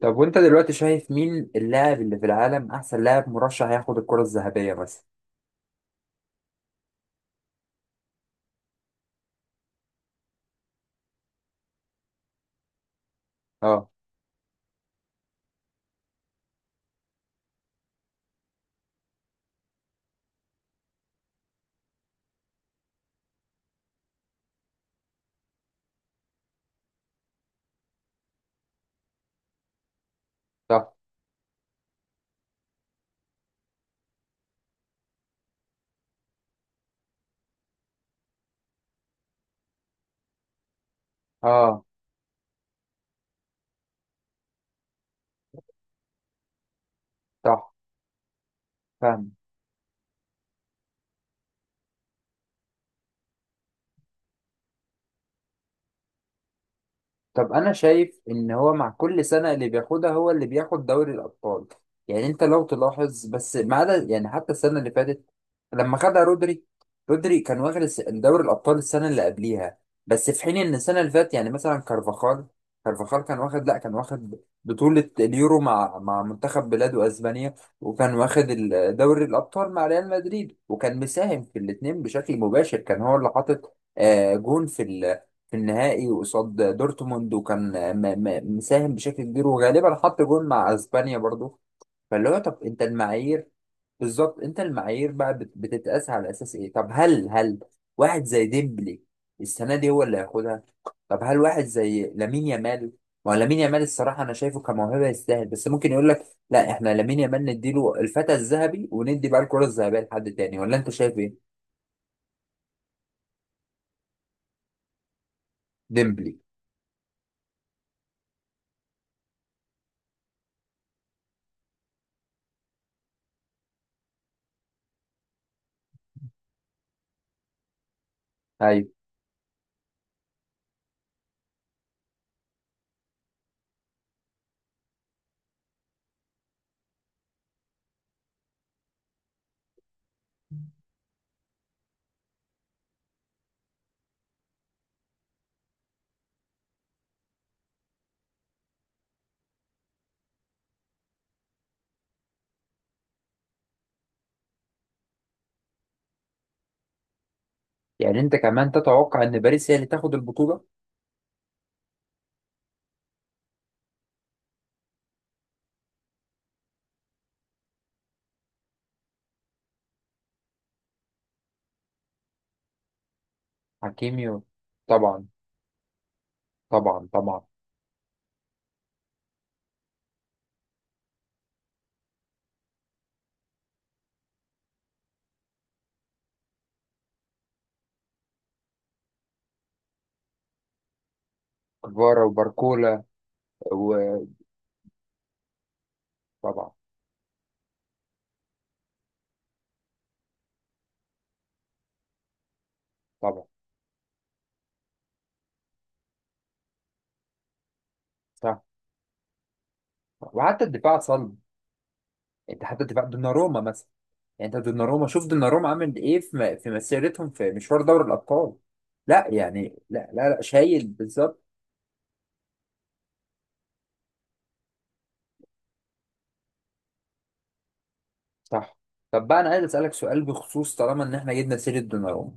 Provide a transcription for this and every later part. طب وانت دلوقتي شايف مين اللاعب اللي في العالم احسن لاعب مرشح ياخد الكرة الذهبية مثلا؟ اه. صح. اه. صح. فاهم. طب انا شايف ان هو مع كل سنه اللي بياخدها هو اللي بياخد دوري الابطال. يعني انت لو تلاحظ، بس ما عدا يعني حتى السنه اللي فاتت لما خدها رودري. رودري كان واخد دوري الابطال السنه اللي قبليها، بس في حين ان السنه اللي فاتت يعني مثلا كارفاخال. كارفاخال كان واخد لا كان واخد بطوله اليورو مع منتخب بلاده اسبانيا، وكان واخد دوري الابطال مع ريال مدريد، وكان مساهم في الاثنين بشكل مباشر. كان هو اللي حاطط جون في النهائي قصاد دورتموند، وكان مساهم بشكل كبير، وغالبا حط جول مع اسبانيا برضو. فاللي هو طب انت المعايير. بالظبط، انت المعايير بقى بتتقاس على اساس ايه؟ طب هل واحد زي ديمبلي السنه دي هو اللي هياخدها؟ طب هل واحد زي لامين يامال؟ ما هو لامين يامال، الصراحه انا شايفه كموهبه يستاهل، بس ممكن يقول لك لا، احنا لامين يامال نديله الفتى الذهبي، وندي بقى الكره الذهبيه لحد تاني. ولا انت شايف ايه؟ ديمبلي. ايوه. يعني انت كمان تتوقع ان باريس هي اللي تاخد البطوله؟ حكيميو. طبعا، طبعا، طبعا. كفارا وباركولا. وطبعا. طبعا. صح، وحتى الدفاع صلب. انت حتى الدفاع، دوناروما مثلا. يعني انت دوناروما، شوف دوناروما عمل ايه في في مسيرتهم في مشوار دوري الابطال. لا يعني لا، لا، لا، شايل بالظبط. صح. طب بقى انا عايز اسالك سؤال بخصوص، طالما ان احنا جبنا سيره دوناروما،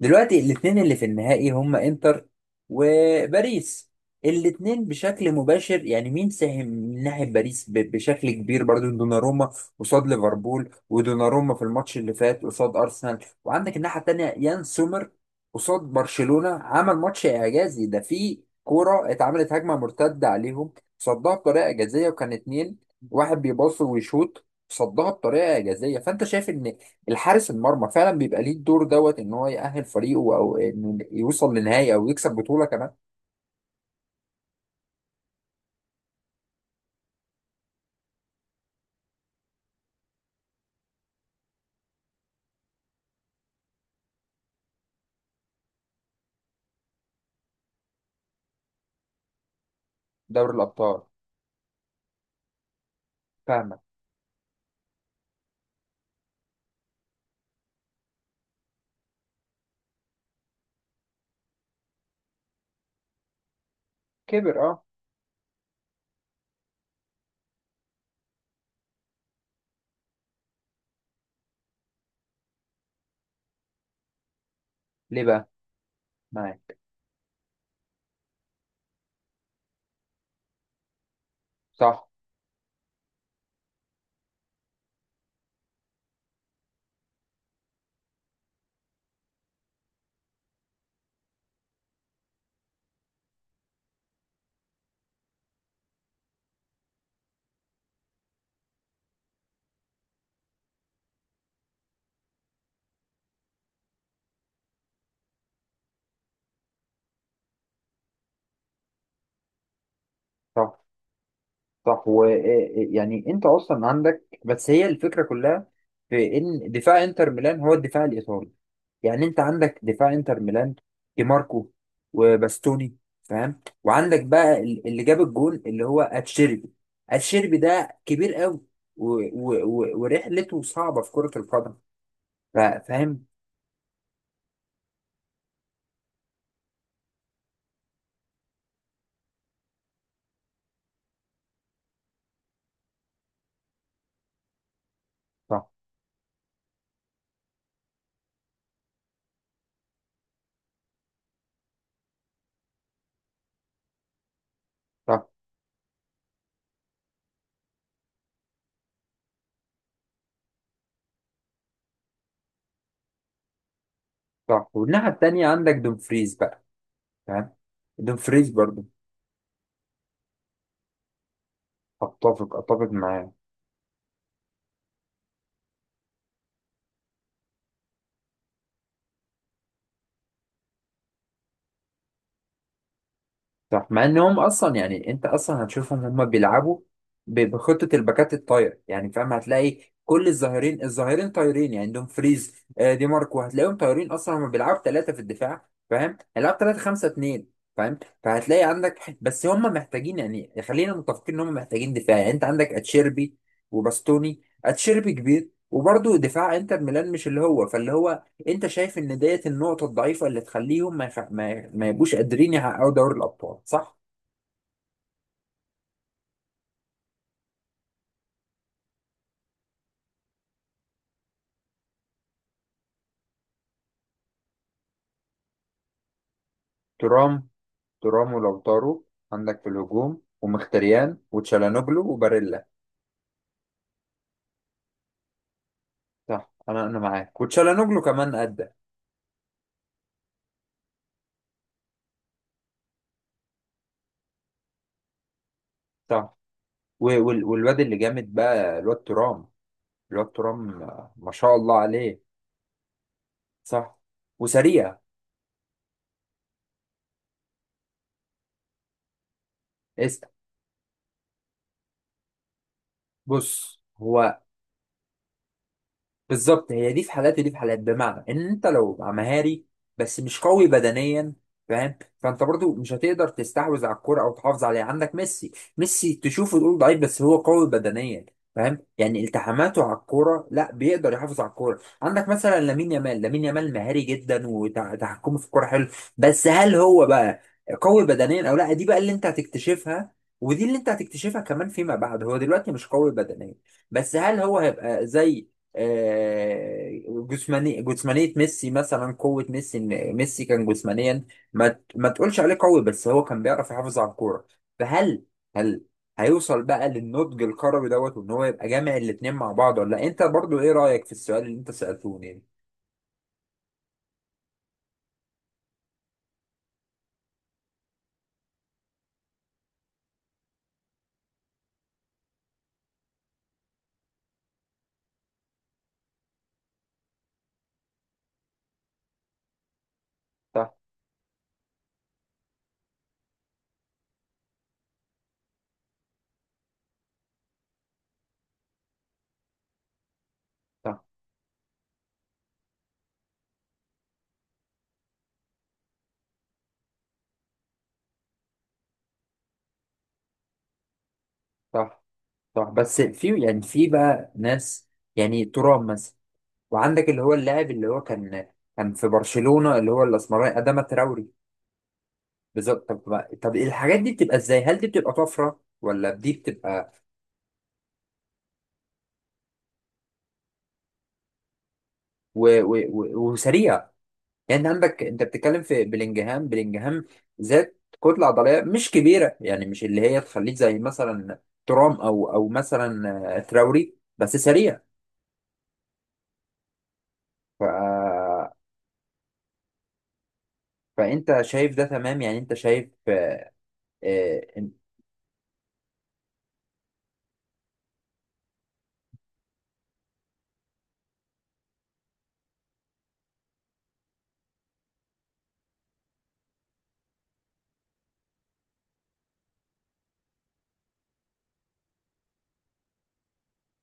دلوقتي الاثنين اللي في النهائي هم انتر وباريس. الاثنين بشكل مباشر. يعني مين ساهم من ناحيه باريس بشكل كبير؟ برضو دوناروما قصاد ليفربول، ودوناروما في الماتش اللي فات قصاد ارسنال. وعندك الناحيه الثانيه يان سومر، قصاد برشلونه عمل ماتش اعجازي. ده في كوره اتعملت هجمه مرتده عليهم صدها بطريقه اعجازيه، وكان اتنين واحد بيباص ويشوط، صدها بطريقه اعجازيه. فانت شايف ان الحارس المرمى فعلا بيبقى ليه الدور ان هو يأهل فريقه، او انه يوصل لنهائي، او يكسب بطوله كمان، دوري الابطال. فاهمك. كبر، اه. ليه بقى؟ معاك. صح، صح، صح. ويعني انت اصلا عندك، بس هي الفكره كلها في ان دفاع انتر ميلان هو الدفاع الايطالي. يعني انت عندك دفاع انتر ميلان، دي ماركو وباستوني، فاهم؟ وعندك بقى اللي جاب الجون اللي هو اتشيربي. اتشيربي ده كبير قوي، ورحلته صعبه في كره القدم. ف- فاهم. صح، صح، صح. والناحيه التانيه عندك دومفريز بقى، فاهم؟ دومفريز برضه. اتفق معاه. صح، مع انهم اصلا يعني انت اصلا هتشوفهم هم بيلعبوا بخطه الباكات الطاير، يعني فاهم، هتلاقي كل الظاهرين الظاهرين طايرين. يعني عندهم فريز، دي ماركو، هتلاقيهم طايرين، اصلا هم بيلعبوا ثلاثه في الدفاع، فاهم؟ هيلعبوا ثلاثه خمسه اثنين، فاهم. فهتلاقي عندك، بس هم محتاجين، يعني خلينا متفقين ان هم محتاجين دفاع. يعني انت عندك اتشيربي وباستوني، اتشيربي كبير، وبرضه دفاع انتر ميلان مش اللي هو فاللي هو، انت شايف ان ديت النقطه الضعيفه اللي تخليهم ما يخ... ما, ما يبقوش قادرين يحققوا دوري الابطال، صح؟ ترام. ترام ولوتارو. عندك في الهجوم ومختريان وتشالانوجلو وباريلا. صح، انا معاك. وتشالانوجلو كمان ادى. صح. والواد اللي جامد بقى، الواد ترام. الواد ترام، ما شاء الله عليه. صح، وسريع. اسأل. بص هو. بالظبط، هي دي في حالات ودي في حالات. بمعنى ان انت لو مع مهاري بس مش قوي بدنيا، فاهم، فانت برضو مش هتقدر تستحوذ على الكرة او تحافظ عليها. عندك ميسي، ميسي تشوفه تقول ضعيف، بس هو قوي بدنيا، فاهم؟ يعني التحاماته على الكوره، لا بيقدر يحافظ على الكوره. عندك مثلا لامين يامال، لامين يامال مهاري جدا، وتحكمه في الكوره حلو، بس هل هو بقى قوي بدنيا او لا؟ دي بقى اللي انت هتكتشفها، ودي اللي انت هتكتشفها كمان فيما بعد. هو دلوقتي مش قوي بدنيا، بس هل هو هيبقى زي جسمانية ميسي مثلا؟ قوة ميسي ان ميسي كان جسمانيا، ما تقولش عليه قوي، بس هو كان بيعرف يحافظ على الكورة. فهل، هل هيوصل بقى للنضج الكروي وان هو يبقى جامع الاتنين مع بعض ولا لا؟ انت برضو ايه رأيك في السؤال اللي انت سألتوني يعني؟ صح، صح، صح، صح. بس في يعني في بقى ناس، يعني ترام مثلا. وعندك اللي هو اللاعب اللي هو كان في برشلونة اللي هو الاسمراني أداما تراوري. بالظبط. طب الحاجات دي بتبقى ازاي؟ هل دي بتبقى طفره ولا دي بتبقى وسريعه؟ يعني انت عندك، انت بتتكلم في بلينجهام، بلينجهام ذات كتله عضليه مش كبيره، يعني مش اللي هي تخليك زي مثلا ترام او مثلا تراوري بس سريع. ف... فانت شايف ده تمام؟ يعني انت شايف آه،